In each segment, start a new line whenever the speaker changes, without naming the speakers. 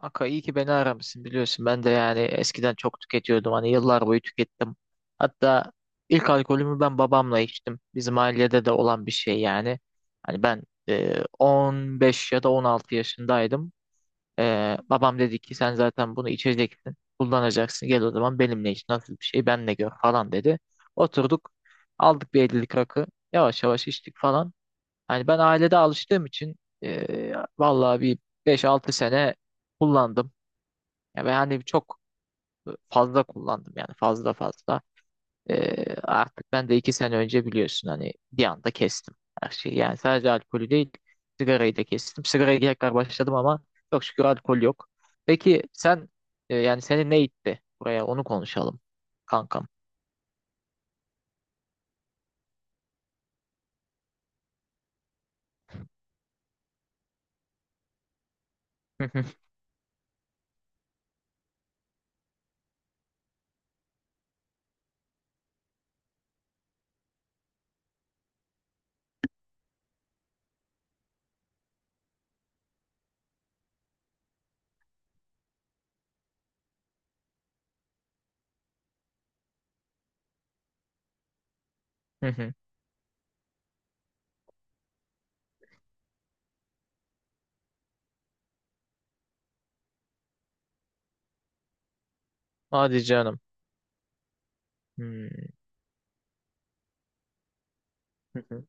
Kanka iyi ki beni aramışsın biliyorsun. Ben de yani eskiden çok tüketiyordum. Hani yıllar boyu tükettim. Hatta ilk alkolümü ben babamla içtim. Bizim ailede de olan bir şey yani. Hani ben 15 ya da 16 yaşındaydım. Babam dedi ki sen zaten bunu içeceksin. Kullanacaksın. Gel o zaman benimle iç. Nasıl bir şey benle gör falan dedi. Oturduk. Aldık bir 50'lik rakı. Yavaş yavaş içtik falan. Hani ben ailede alıştığım için vallahi bir 5-6 sene kullandım. Ya ben hani çok fazla kullandım yani fazla fazla. Artık ben de 2 sene önce biliyorsun hani bir anda kestim her şeyi. Yani sadece alkolü değil sigarayı da kestim. Sigaraya tekrar başladım ama çok şükür alkol yok. Peki sen yani seni ne itti buraya onu konuşalım kankam. Hı hı, hı hı. Hadi canım. Hmm. Hı hı.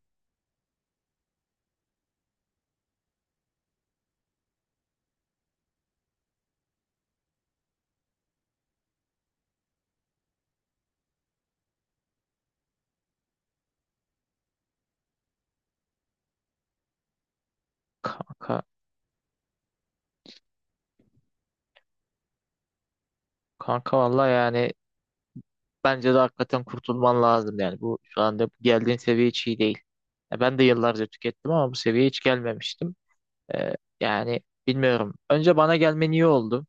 Kanka, kanka vallahi yani bence de hakikaten kurtulman lazım yani. Bu şu anda geldiğin seviye hiç iyi değil. Ya ben de yıllarca tükettim ama bu seviyeye hiç gelmemiştim. Ee, Yani bilmiyorum. Önce bana gelmen iyi oldu.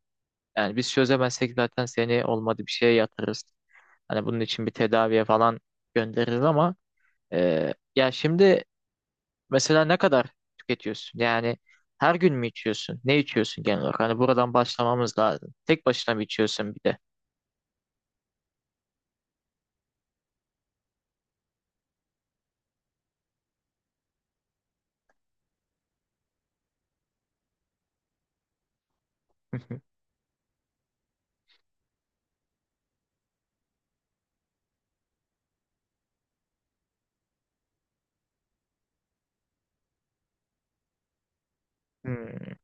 Yani biz çözemezsek zaten seni olmadı bir şeye yatırırız. Hani bunun için bir tedaviye falan göndeririz ama ya şimdi mesela ne kadar tüketiyorsun? Yani her gün mü içiyorsun? Ne içiyorsun genel olarak? Hani buradan başlamamız lazım. Tek başına mı içiyorsun bir de? Hmm.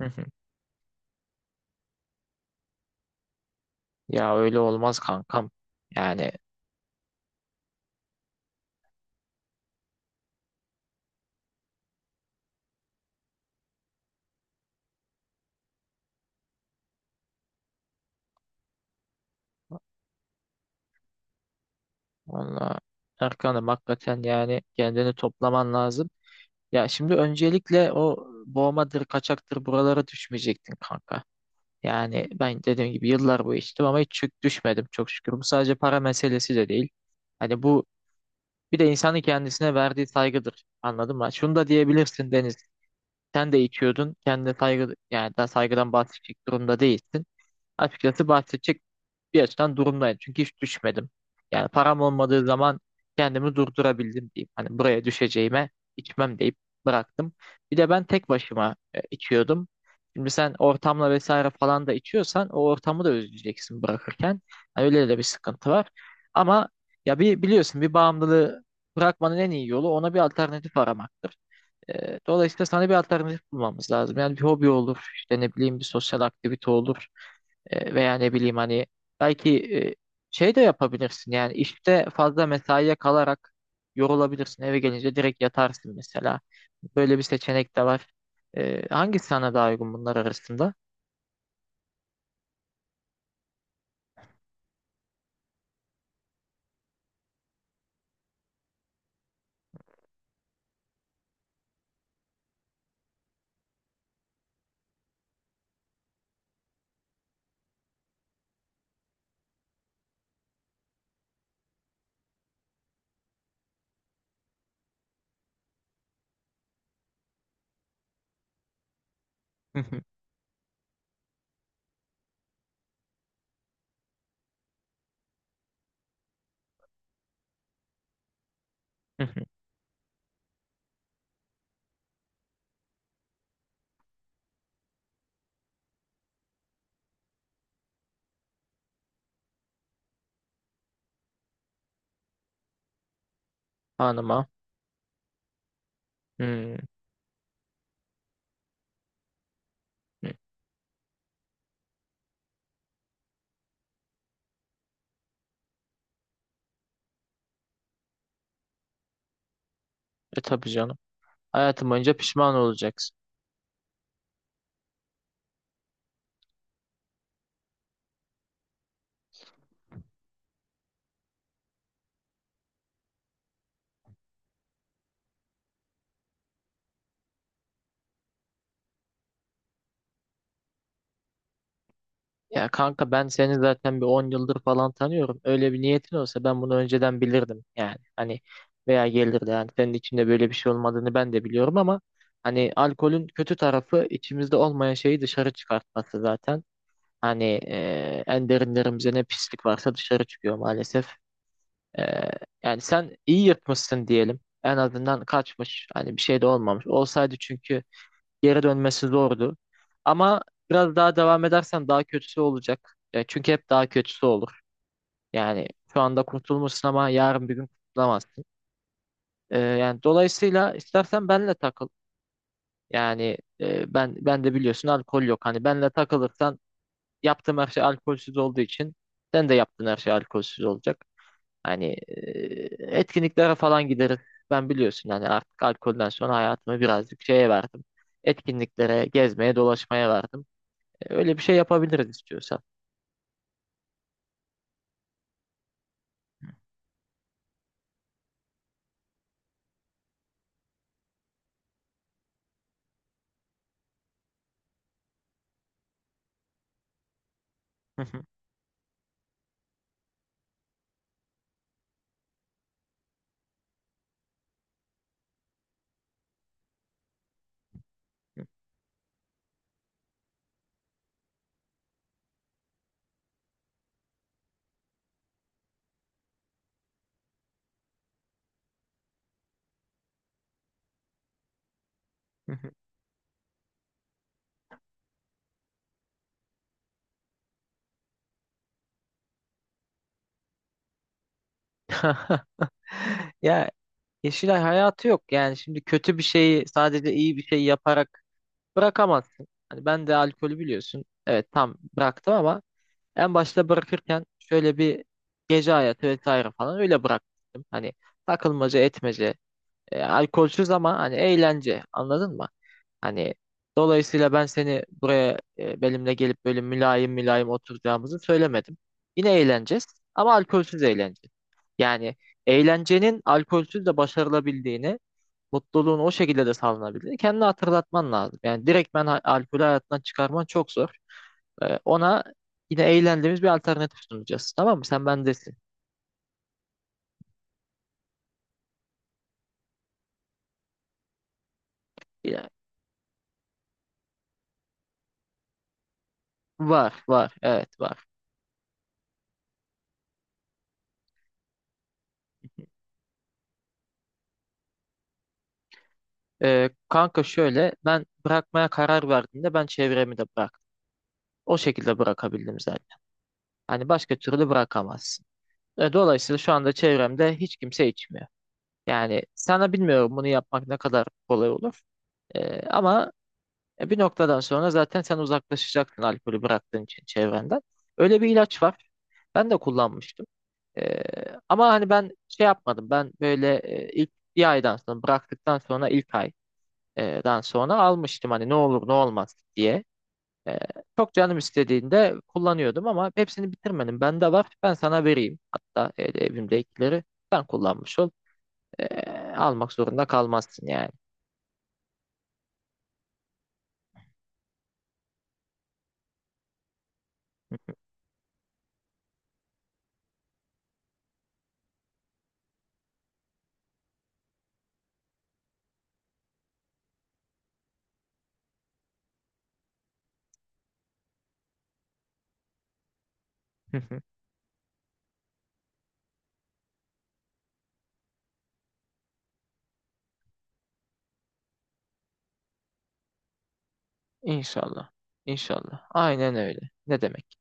Ya öyle olmaz kankam. Yani valla Erkan'ım hakikaten yani kendini toplaman lazım. Ya şimdi öncelikle o boğmadır, kaçaktır buralara düşmeyecektin kanka. Yani ben dediğim gibi yıllar boyu içtim ama hiç düşmedim çok şükür. Bu sadece para meselesi de değil. Hani bu bir de insanın kendisine verdiği saygıdır. Anladın mı? Şunu da diyebilirsin Deniz. Sen de içiyordun. Kendine saygı yani daha saygıdan bahsedecek durumda değilsin. Açıkçası bahsedecek bir açıdan durumdayım. Çünkü hiç düşmedim. Yani param olmadığı zaman kendimi durdurabildim diyeyim. Hani buraya düşeceğime içmem deyip bıraktım. Bir de ben tek başıma içiyordum. Şimdi sen ortamla vesaire falan da içiyorsan o ortamı da özleyeceksin bırakırken. Hani öyle de bir sıkıntı var. Ama ya bir biliyorsun bir bağımlılığı bırakmanın en iyi yolu ona bir alternatif aramaktır. Dolayısıyla sana bir alternatif bulmamız lazım. Yani bir hobi olur, işte ne bileyim bir sosyal aktivite olur. Veya ne bileyim hani belki şey de yapabilirsin yani işte fazla mesaiye kalarak yorulabilirsin. Eve gelince direkt yatarsın mesela. Böyle bir seçenek de var. Hangisi sana daha uygun bunlar arasında? Hı hı, hı hı. Hanıma. Hmm. E tabii canım. Hayatım boyunca pişman olacaksın. Ya kanka ben seni zaten bir 10 yıldır falan tanıyorum. Öyle bir niyetin olsa ben bunu önceden bilirdim yani. Hani veya gelirdi yani senin içinde böyle bir şey olmadığını ben de biliyorum ama hani alkolün kötü tarafı içimizde olmayan şeyi dışarı çıkartması zaten. Hani en derinlerimizde ne pislik varsa dışarı çıkıyor maalesef. E, Yani sen iyi yırtmışsın diyelim. En azından kaçmış. Hani bir şey de olmamış. Olsaydı çünkü geri dönmesi zordu. Ama biraz daha devam edersen daha kötüsü olacak. Ya çünkü hep daha kötüsü olur. Yani şu anda kurtulmuşsun ama yarın bir gün kurtulamazsın. Yani dolayısıyla istersen benle takıl. Yani ben de biliyorsun alkol yok. Hani benle takılırsan yaptığım her şey alkolsüz olduğu için sen de yaptığın her şey alkolsüz olacak. Hani etkinliklere falan gideriz. Ben biliyorsun hani artık alkolden sonra hayatımı birazcık şeye verdim. Etkinliklere, gezmeye, dolaşmaya verdim. Öyle bir şey yapabiliriz istiyorsan. Ya, Yeşilay hayatı yok yani şimdi kötü bir şeyi sadece iyi bir şey yaparak bırakamazsın. Hani ben de alkolü biliyorsun. Evet tam bıraktım ama en başta bırakırken şöyle bir gece hayatı vesaire falan öyle bıraktım. Hani takılmaca etmece, alkolsüz ama hani eğlence anladın mı? Hani dolayısıyla ben seni buraya benimle gelip böyle mülayim mülayim oturacağımızı söylemedim. Yine eğleneceğiz ama alkolsüz eğleneceğiz. Yani eğlencenin alkolsüz de başarılabildiğini. Mutluluğunu o şekilde de sağlanabilir. Kendini hatırlatman lazım. Yani direkt ben alkolü hayatından çıkarman çok zor. Ona yine eğlendiğimiz bir alternatif sunacağız. Tamam mı? Sen bendesin. Ya, var, var. Evet, var. Kanka şöyle ben bırakmaya karar verdiğimde ben çevremi de bıraktım. O şekilde bırakabildim zaten. Hani başka türlü bırakamazsın. Dolayısıyla şu anda çevremde hiç kimse içmiyor. Yani sana bilmiyorum bunu yapmak ne kadar kolay olur. Ama bir noktadan sonra zaten sen uzaklaşacaksın alkolü bıraktığın için çevrenden. Öyle bir ilaç var. Ben de kullanmıştım. E, Ama hani ben şey yapmadım. Ben böyle ilk bir aydan sonra bıraktıktan sonra ilk aydan sonra almıştım. Hani ne olur ne olmaz diye. E, Çok canım istediğinde kullanıyordum ama hepsini bitirmedim. Bende var. Ben sana vereyim. Hatta evimdekileri sen kullanmış ol. E, Almak zorunda kalmazsın yani. İnşallah. İnşallah. Aynen öyle. Ne demek?